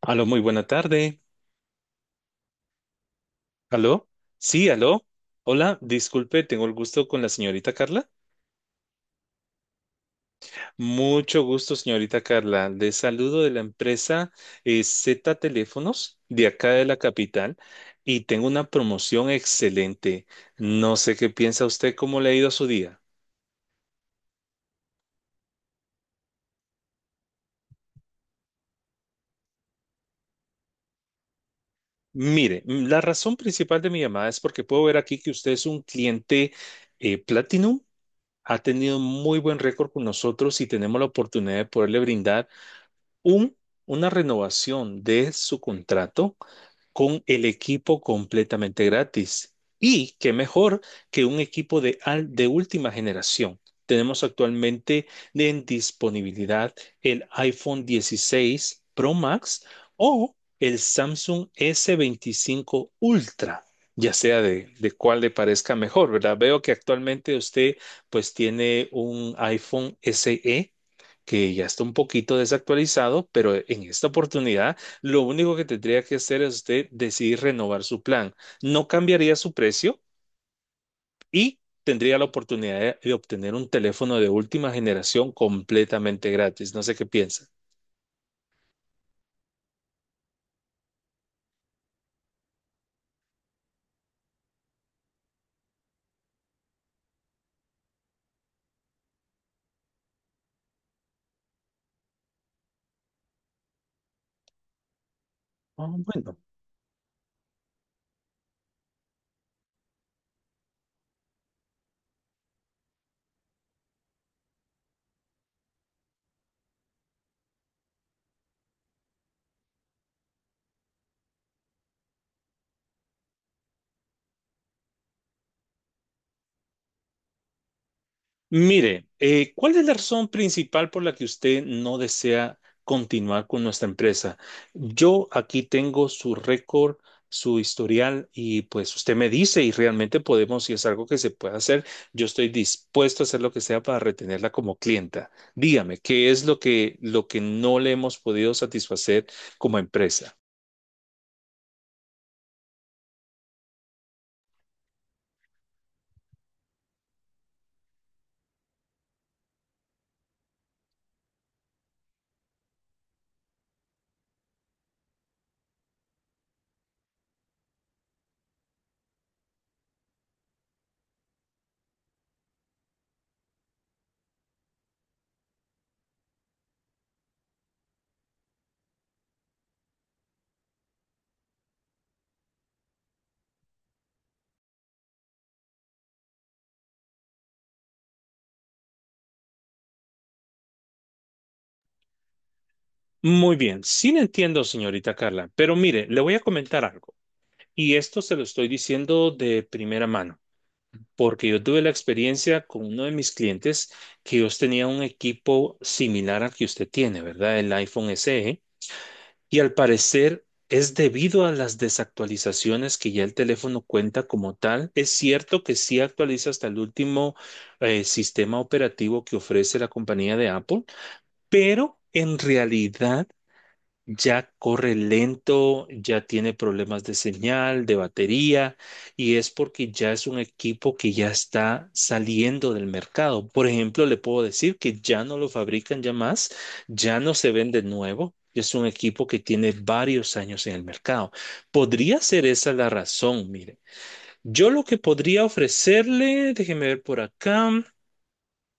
Aló, muy buena tarde. ¿Aló? Sí, aló. Hola, disculpe, tengo el gusto con la señorita Carla. Mucho gusto, señorita Carla. Le saludo de la empresa Z Teléfonos de acá de la capital y tengo una promoción excelente. No sé qué piensa usted, cómo le ha ido su día. Mire, la razón principal de mi llamada es porque puedo ver aquí que usted es un cliente Platinum. Ha tenido muy buen récord con nosotros y tenemos la oportunidad de poderle brindar un, una renovación de su contrato con el equipo completamente gratis. Y qué mejor que un equipo de última generación. Tenemos actualmente en disponibilidad el iPhone 16 Pro Max o el Samsung S25 Ultra, ya sea de cuál le parezca mejor, ¿verdad? Veo que actualmente usted pues tiene un iPhone SE que ya está un poquito desactualizado, pero en esta oportunidad lo único que tendría que hacer es usted decidir renovar su plan. No cambiaría su precio y tendría la oportunidad de obtener un teléfono de última generación completamente gratis. No sé qué piensa. Ah, bueno. Mire, ¿cuál es la razón principal por la que usted no desea continuar con nuestra empresa? Yo aquí tengo su récord, su historial y pues usted me dice y realmente podemos, si es algo que se puede hacer, yo estoy dispuesto a hacer lo que sea para retenerla como clienta. Dígame, ¿qué es lo que no le hemos podido satisfacer como empresa? Muy bien, sí le entiendo, señorita Carla, pero mire, le voy a comentar algo y esto se lo estoy diciendo de primera mano. Porque yo tuve la experiencia con uno de mis clientes que ellos tenían un equipo similar al que usted tiene, ¿verdad? El iPhone SE. Y al parecer es debido a las desactualizaciones que ya el teléfono cuenta como tal. Es cierto que sí actualiza hasta el último sistema operativo que ofrece la compañía de Apple, pero en realidad ya corre lento, ya tiene problemas de señal, de batería, y es porque ya es un equipo que ya está saliendo del mercado. Por ejemplo, le puedo decir que ya no lo fabrican ya más, ya no se vende nuevo. Es un equipo que tiene varios años en el mercado. Podría ser esa la razón, mire. Yo lo que podría ofrecerle, déjeme ver por acá.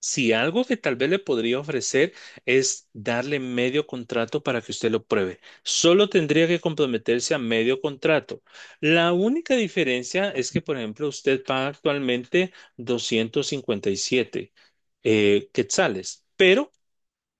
Si algo que tal vez le podría ofrecer es darle medio contrato para que usted lo pruebe. Solo tendría que comprometerse a medio contrato. La única diferencia es que, por ejemplo, usted paga actualmente 257 quetzales, pero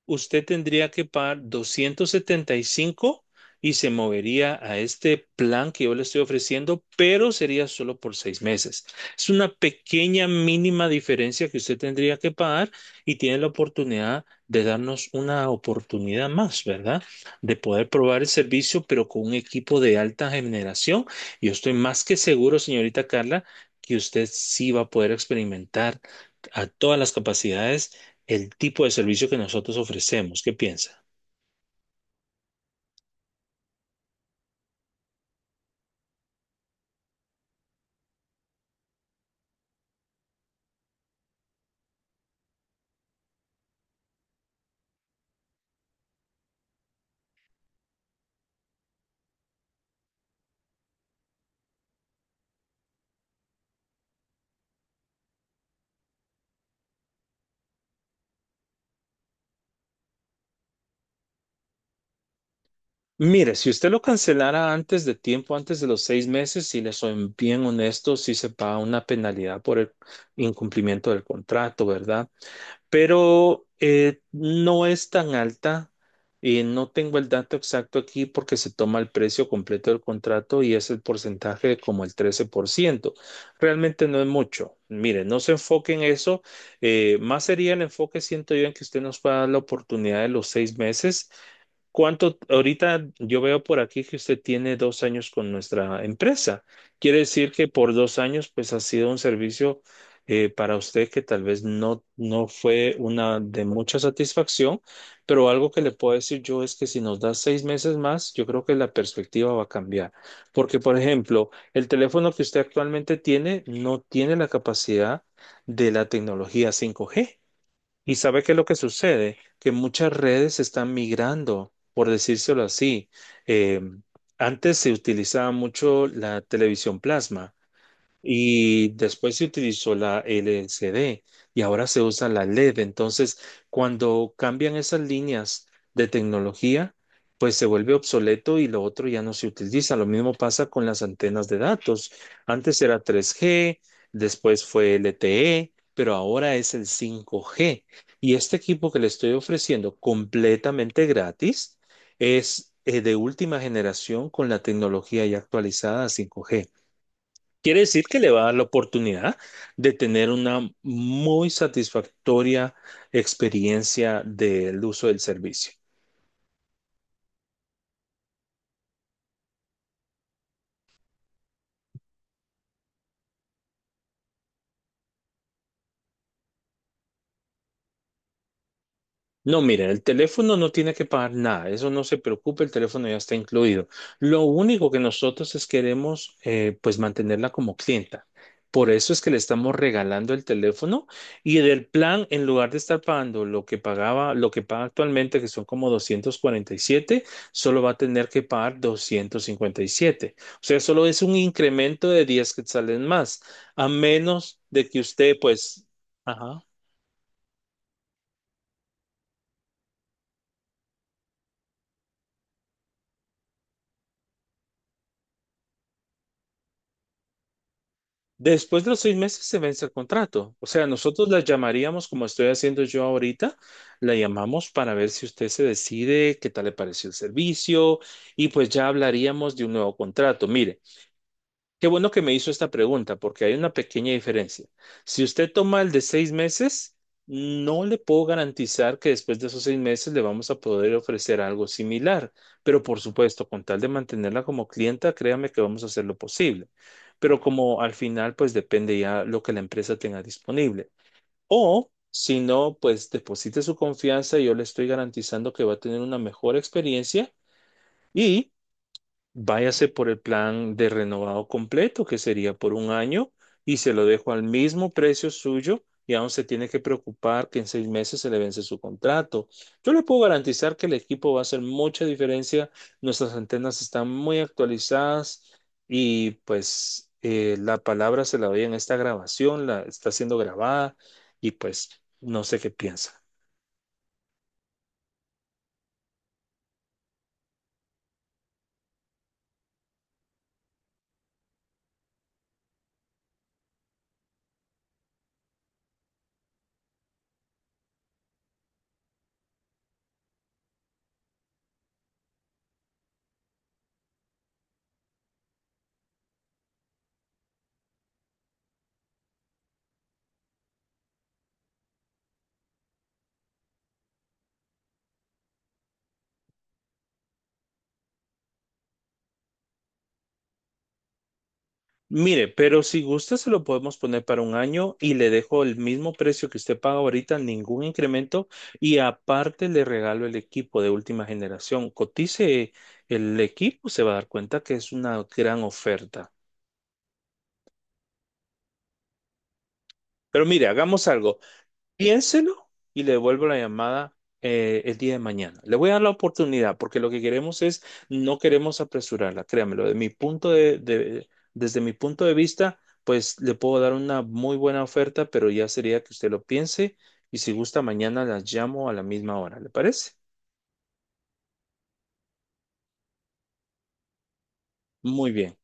usted tendría que pagar 275 y se movería a este plan que yo le estoy ofreciendo, pero sería solo por 6 meses. Es una pequeña mínima diferencia que usted tendría que pagar y tiene la oportunidad de darnos una oportunidad más, ¿verdad? De poder probar el servicio, pero con un equipo de alta generación. Yo estoy más que seguro, señorita Carla, que usted sí va a poder experimentar a todas las capacidades el tipo de servicio que nosotros ofrecemos. ¿Qué piensa? Mire, si usted lo cancelara antes de tiempo, antes de los 6 meses, si le soy bien honesto, sí se paga una penalidad por el incumplimiento del contrato, ¿verdad? Pero no es tan alta. Y no tengo el dato exacto aquí porque se toma el precio completo del contrato y es el porcentaje de como el 13%. Realmente no es mucho. Mire, no se enfoque en eso. Más sería el enfoque, siento yo, en que usted nos pueda dar la oportunidad de los 6 meses. ¿Cuánto ahorita yo veo por aquí que usted tiene 2 años con nuestra empresa? Quiere decir que por 2 años, pues ha sido un servicio para usted que tal vez no fue una de mucha satisfacción, pero algo que le puedo decir yo es que si nos da 6 meses más, yo creo que la perspectiva va a cambiar. Porque, por ejemplo, el teléfono que usted actualmente tiene no tiene la capacidad de la tecnología 5G. ¿Y sabe qué es lo que sucede? Que muchas redes están migrando, por decírselo así. Eh, Antes se utilizaba mucho la televisión plasma. Y después se utilizó la LCD y ahora se usa la LED. Entonces, cuando cambian esas líneas de tecnología, pues se vuelve obsoleto y lo otro ya no se utiliza. Lo mismo pasa con las antenas de datos. Antes era 3G, después fue LTE, pero ahora es el 5G. Y este equipo que le estoy ofreciendo completamente gratis es de última generación con la tecnología ya actualizada a 5G. Quiere decir que le va a dar la oportunidad de tener una muy satisfactoria experiencia del uso del servicio. No, miren, el teléfono no tiene que pagar nada, eso no se preocupe, el teléfono ya está incluido. Lo único que nosotros es queremos, pues mantenerla como clienta. Por eso es que le estamos regalando el teléfono y del plan, en lugar de estar pagando lo que pagaba, lo que paga actualmente, que son como 247, solo va a tener que pagar 257. O sea, solo es un incremento de 10 quetzales más, a menos de que usted, pues, ajá. Después de los 6 meses se vence el contrato. O sea, nosotros la llamaríamos, como estoy haciendo yo ahorita, la llamamos para ver si usted se decide, qué tal le pareció el servicio, y pues ya hablaríamos de un nuevo contrato. Mire, qué bueno que me hizo esta pregunta, porque hay una pequeña diferencia. Si usted toma el de 6 meses, no le puedo garantizar que después de esos 6 meses le vamos a poder ofrecer algo similar, pero por supuesto, con tal de mantenerla como clienta, créame que vamos a hacer lo posible. Pero como al final, pues depende ya lo que la empresa tenga disponible. O si no, pues deposite su confianza y yo le estoy garantizando que va a tener una mejor experiencia. Y váyase por el plan de renovado completo, que sería por un año, y se lo dejo al mismo precio suyo, y aún se tiene que preocupar que en 6 meses se le vence su contrato. Yo le puedo garantizar que el equipo va a hacer mucha diferencia, nuestras antenas están muy actualizadas y pues la palabra se la doy en esta grabación, la está siendo grabada y pues no sé qué piensa. Mire, pero si gusta se lo podemos poner para un año y le dejo el mismo precio que usted paga ahorita, ningún incremento y aparte le regalo el equipo de última generación. Cotice el equipo, se va a dar cuenta que es una gran oferta. Pero mire, hagamos algo. Piénselo y le devuelvo la llamada el día de mañana. Le voy a dar la oportunidad porque lo que queremos es, no queremos apresurarla, créamelo, de mi punto desde mi punto de vista, pues le puedo dar una muy buena oferta, pero ya sería que usted lo piense y si gusta mañana las llamo a la misma hora, ¿le parece? Muy bien.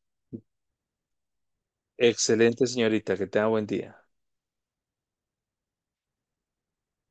Excelente, señorita, que tenga buen día.